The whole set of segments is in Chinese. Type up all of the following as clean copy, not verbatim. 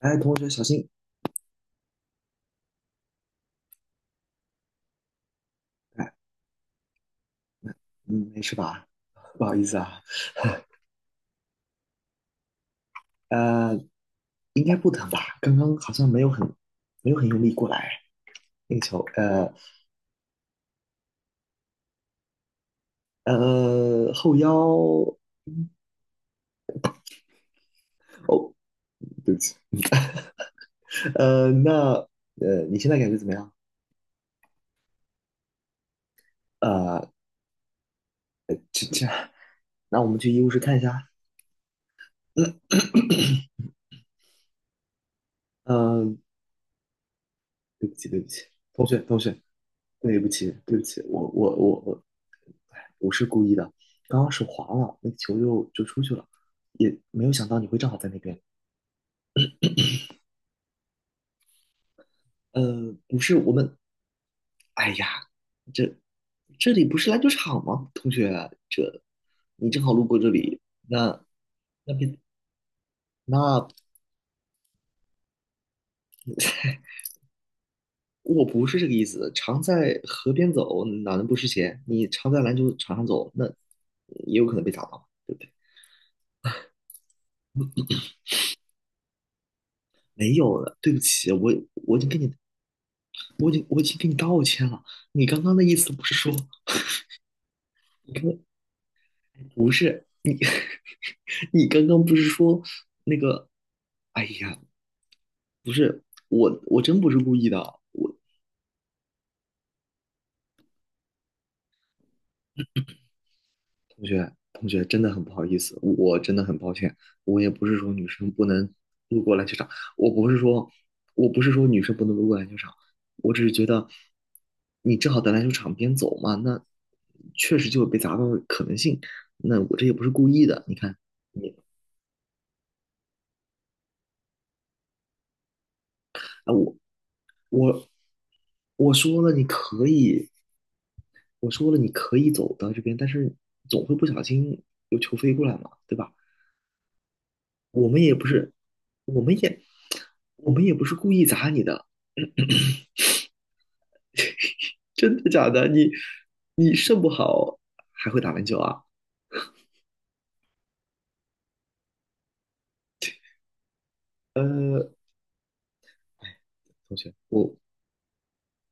哎，同学小心！哎，嗯，没事吧？不好意思啊，呃，应该不疼吧？刚刚好像没有很用力过来那个球，后腰，嗯哦，对不起，呃，那你现在感觉怎么样？呃，呃这这，那我们去医务室看一下。嗯，呃对不起，对不起，同学，同学，对不起，对不起，我，哎，不是故意的，刚刚手滑了，那球就出去了，也没有想到你会正好在那边。不是我们，哎呀，这这里不是篮球场吗？同学，这你正好路过这里，那那边那我不是这个意思，常在河边走，哪能不湿鞋？你常在篮球场上走，那也有可能被砸到，对不对？没有了，对不起，我已经跟你，我已经我已经跟你道歉了。你刚刚的意思不是说，你刚不是你，你刚刚不是说那个？哎呀，不是我真不是故意的，我。同学，同学，真的很不好意思，我真的很抱歉。我也不是说女生不能路过篮球场，我不是说，我不是说女生不能路过篮球场，我只是觉得你正好在篮球场边走嘛，那确实就有被砸到的可能性。那我这也不是故意的，你看你啊，我我我说了你可以，我说了你可以走到这边，但是总会不小心有球飞过来嘛，对吧？我们也不是，我们也，我们也不是故意砸你的，真的假的？你肾不好还会打篮球啊？呃，哎，同学，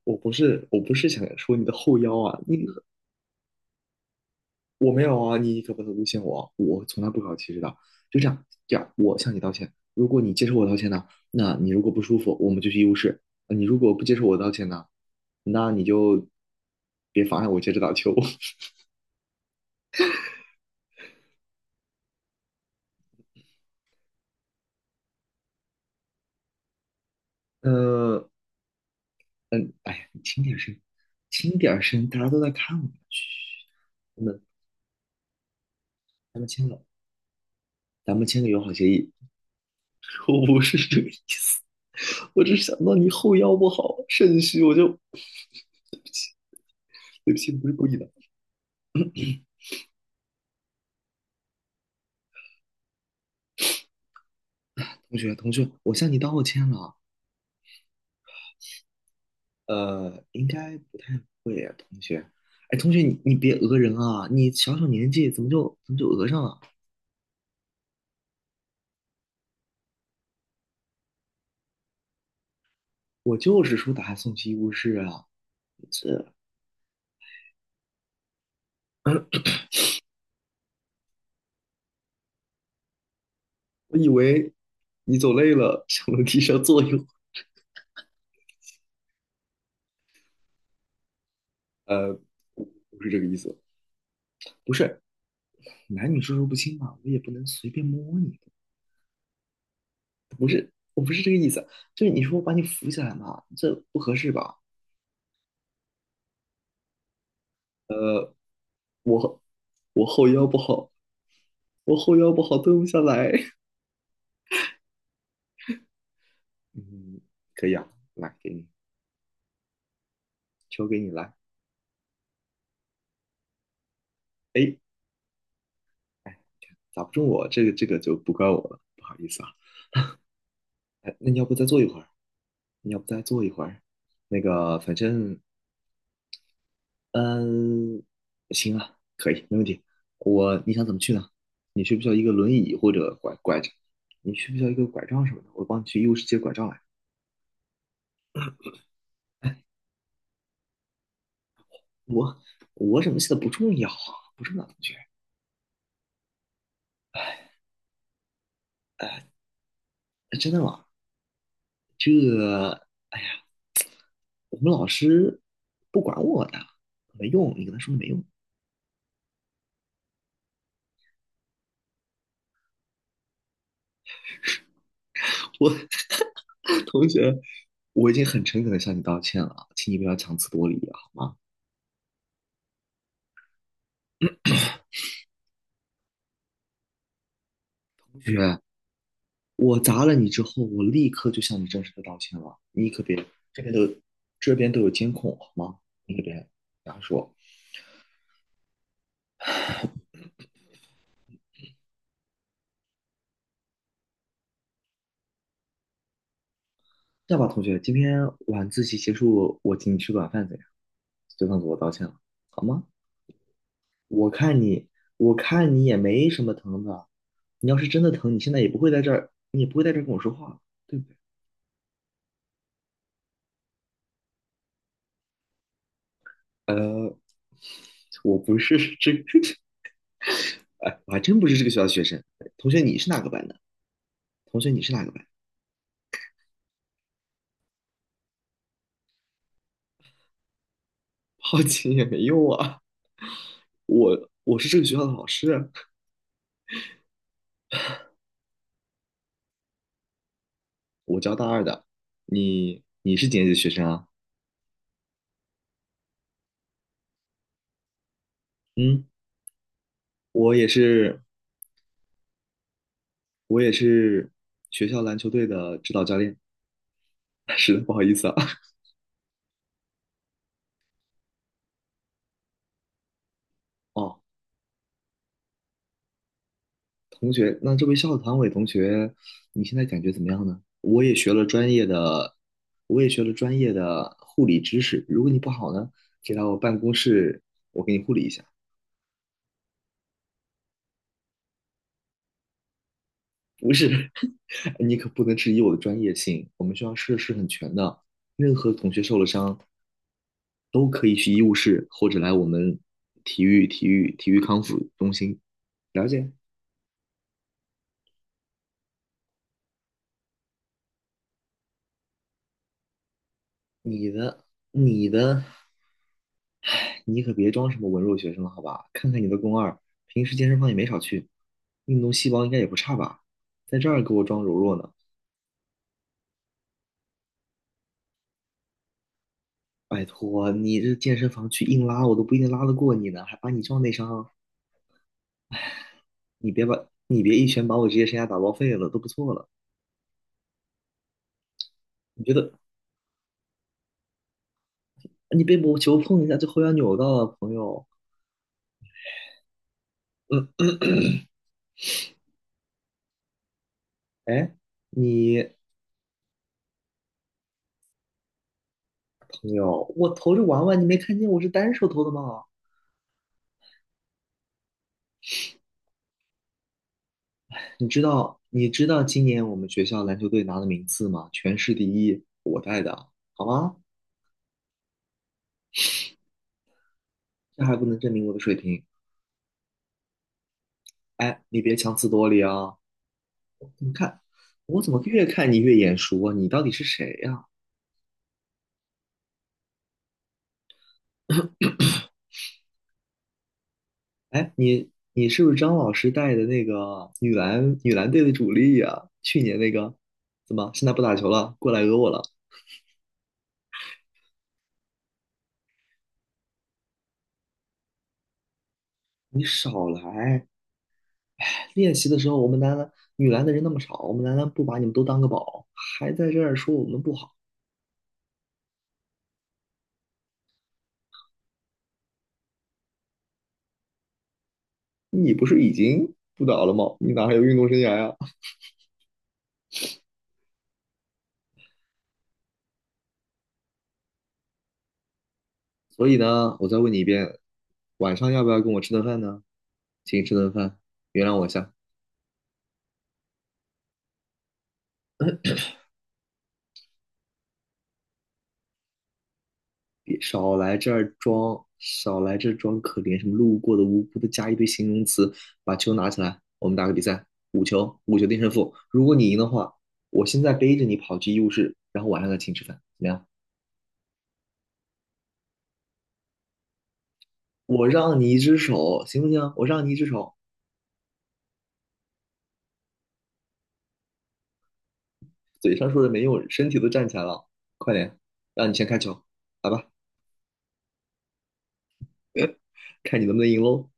我不是不是想说你的后腰啊，我没有啊，你可不能诬陷我，我从来不搞歧视的。就这样，这样，我向你道歉。如果你接受我道歉呢，那你如果不舒服，我们就去医务室。你如果不接受我道歉呢，那你就别妨碍我接着打球。呃，嗯，哎呀，你轻点声，轻点声，大家都在看我们。嘘，咱们咱们签了，咱们签个友好协议。我不是这个意思，我只是想到你后腰不好，肾虚，对不起，不是故意的。同学，同学，我向你道歉了。应该不太会啊，同学。哎，同学，你别讹人啊！你小小年纪怎么就讹上了？我就是说把他送去医务室啊。这 我以为你走累了，想楼梯上坐一会儿呃，不是这个意思，不是男女授受不亲嘛，我也不能随便摸你，我不是这个意思，就是你说我把你扶起来嘛，这不合适吧？我我后腰不好，我后腰不好，蹲不下来。嗯，可以啊，来给你，球给你来。哎，打不中我，这个就不怪我了，不好意思啊。哎，那你要不再坐一会儿？你要不再坐一会儿？那个，反正嗯，行啊，可以，没问题。我，你想怎么去呢？你需不需要一个轮椅或者拐杖？你需不需要一个拐杖什么的？我帮你去医务室借拐杖来。我我怎么写的不重要啊，不重要，同学。哎真的吗？这我们老师不管我的，没用。你跟他说没用。我 同学，我已经很诚恳的向你道歉了，请你不要强词夺理了好吗？同学，我砸了你之后，我立刻就向你正式的道歉了。你可别，这边都这边都有监控，好吗？你可别瞎说。这样吧，同学，今天晚自习结束，我请你吃晚饭怎样？就算做我道歉了，好吗？我看你，我看你也没什么疼的。你要是真的疼，你现在也不会在这儿，你也不会在这儿跟我说话，对不对？呃，我不是这个，哎，我还真不是这个学校的学生。同学，你是哪个班的？同学，你是哪个班？好奇也没用啊。我是这个学校的老师，我教大二的，你是几年级的学生啊？嗯，我也是，我也是学校篮球队的指导教练。是的，不好意思啊。哦，同学，那这位校团委同学，你现在感觉怎么样呢？我也学了专业的护理知识。如果你不好呢，可以来我办公室，我给你护理一下。不是，你可不能质疑我的专业性，我们学校设施很全的，任何同学受了伤，都可以去医务室或者来我们体育康复中心。了解你的你的，你可别装什么文弱学生了，好吧？看看你的肱二，平时健身房也没少去，运动细胞应该也不差吧？在这儿给我装柔弱呢？拜托，你这健身房去硬拉，我都不一定拉得过你呢，还把你撞内伤，你别一拳把我职业生涯打报废了，都不错了。你觉得你被我球碰一下就后腰扭到了，朋友？嗯，哎，你有，我投着玩玩，你没看见我是单手投的吗？你知道今年我们学校篮球队拿的名次吗？全市第一，我带的，好吗？这还不能证明我的水平。哎，你别强词夺理啊！你看，我怎么越看你越眼熟啊？你到底是谁呀、哎，你是不是张老师带的那个女篮队的主力呀、去年那个，怎么现在不打球了，过来讹我了？你少来！练习的时候，我们男篮女篮的人那么少，我们男篮不把你们都当个宝，还在这儿说我们不好，你不是已经不打了吗？你哪还有运动生涯呀？所以呢，我再问你一遍，晚上要不要跟我吃顿饭呢？请你吃顿饭，原谅我一下，别少来这儿装，少来这儿装可怜，什么路过的、无辜的，加一堆形容词，把球拿起来，我们打个比赛，五球定胜负。如果你赢的话，我现在背着你跑去医务室，然后晚上再请你吃饭，怎么样？我让你一只手，行不行？我让你一只手，嘴上说着没用，身体都站起来了，快点，让你先开球，来吧，看你能不能赢喽。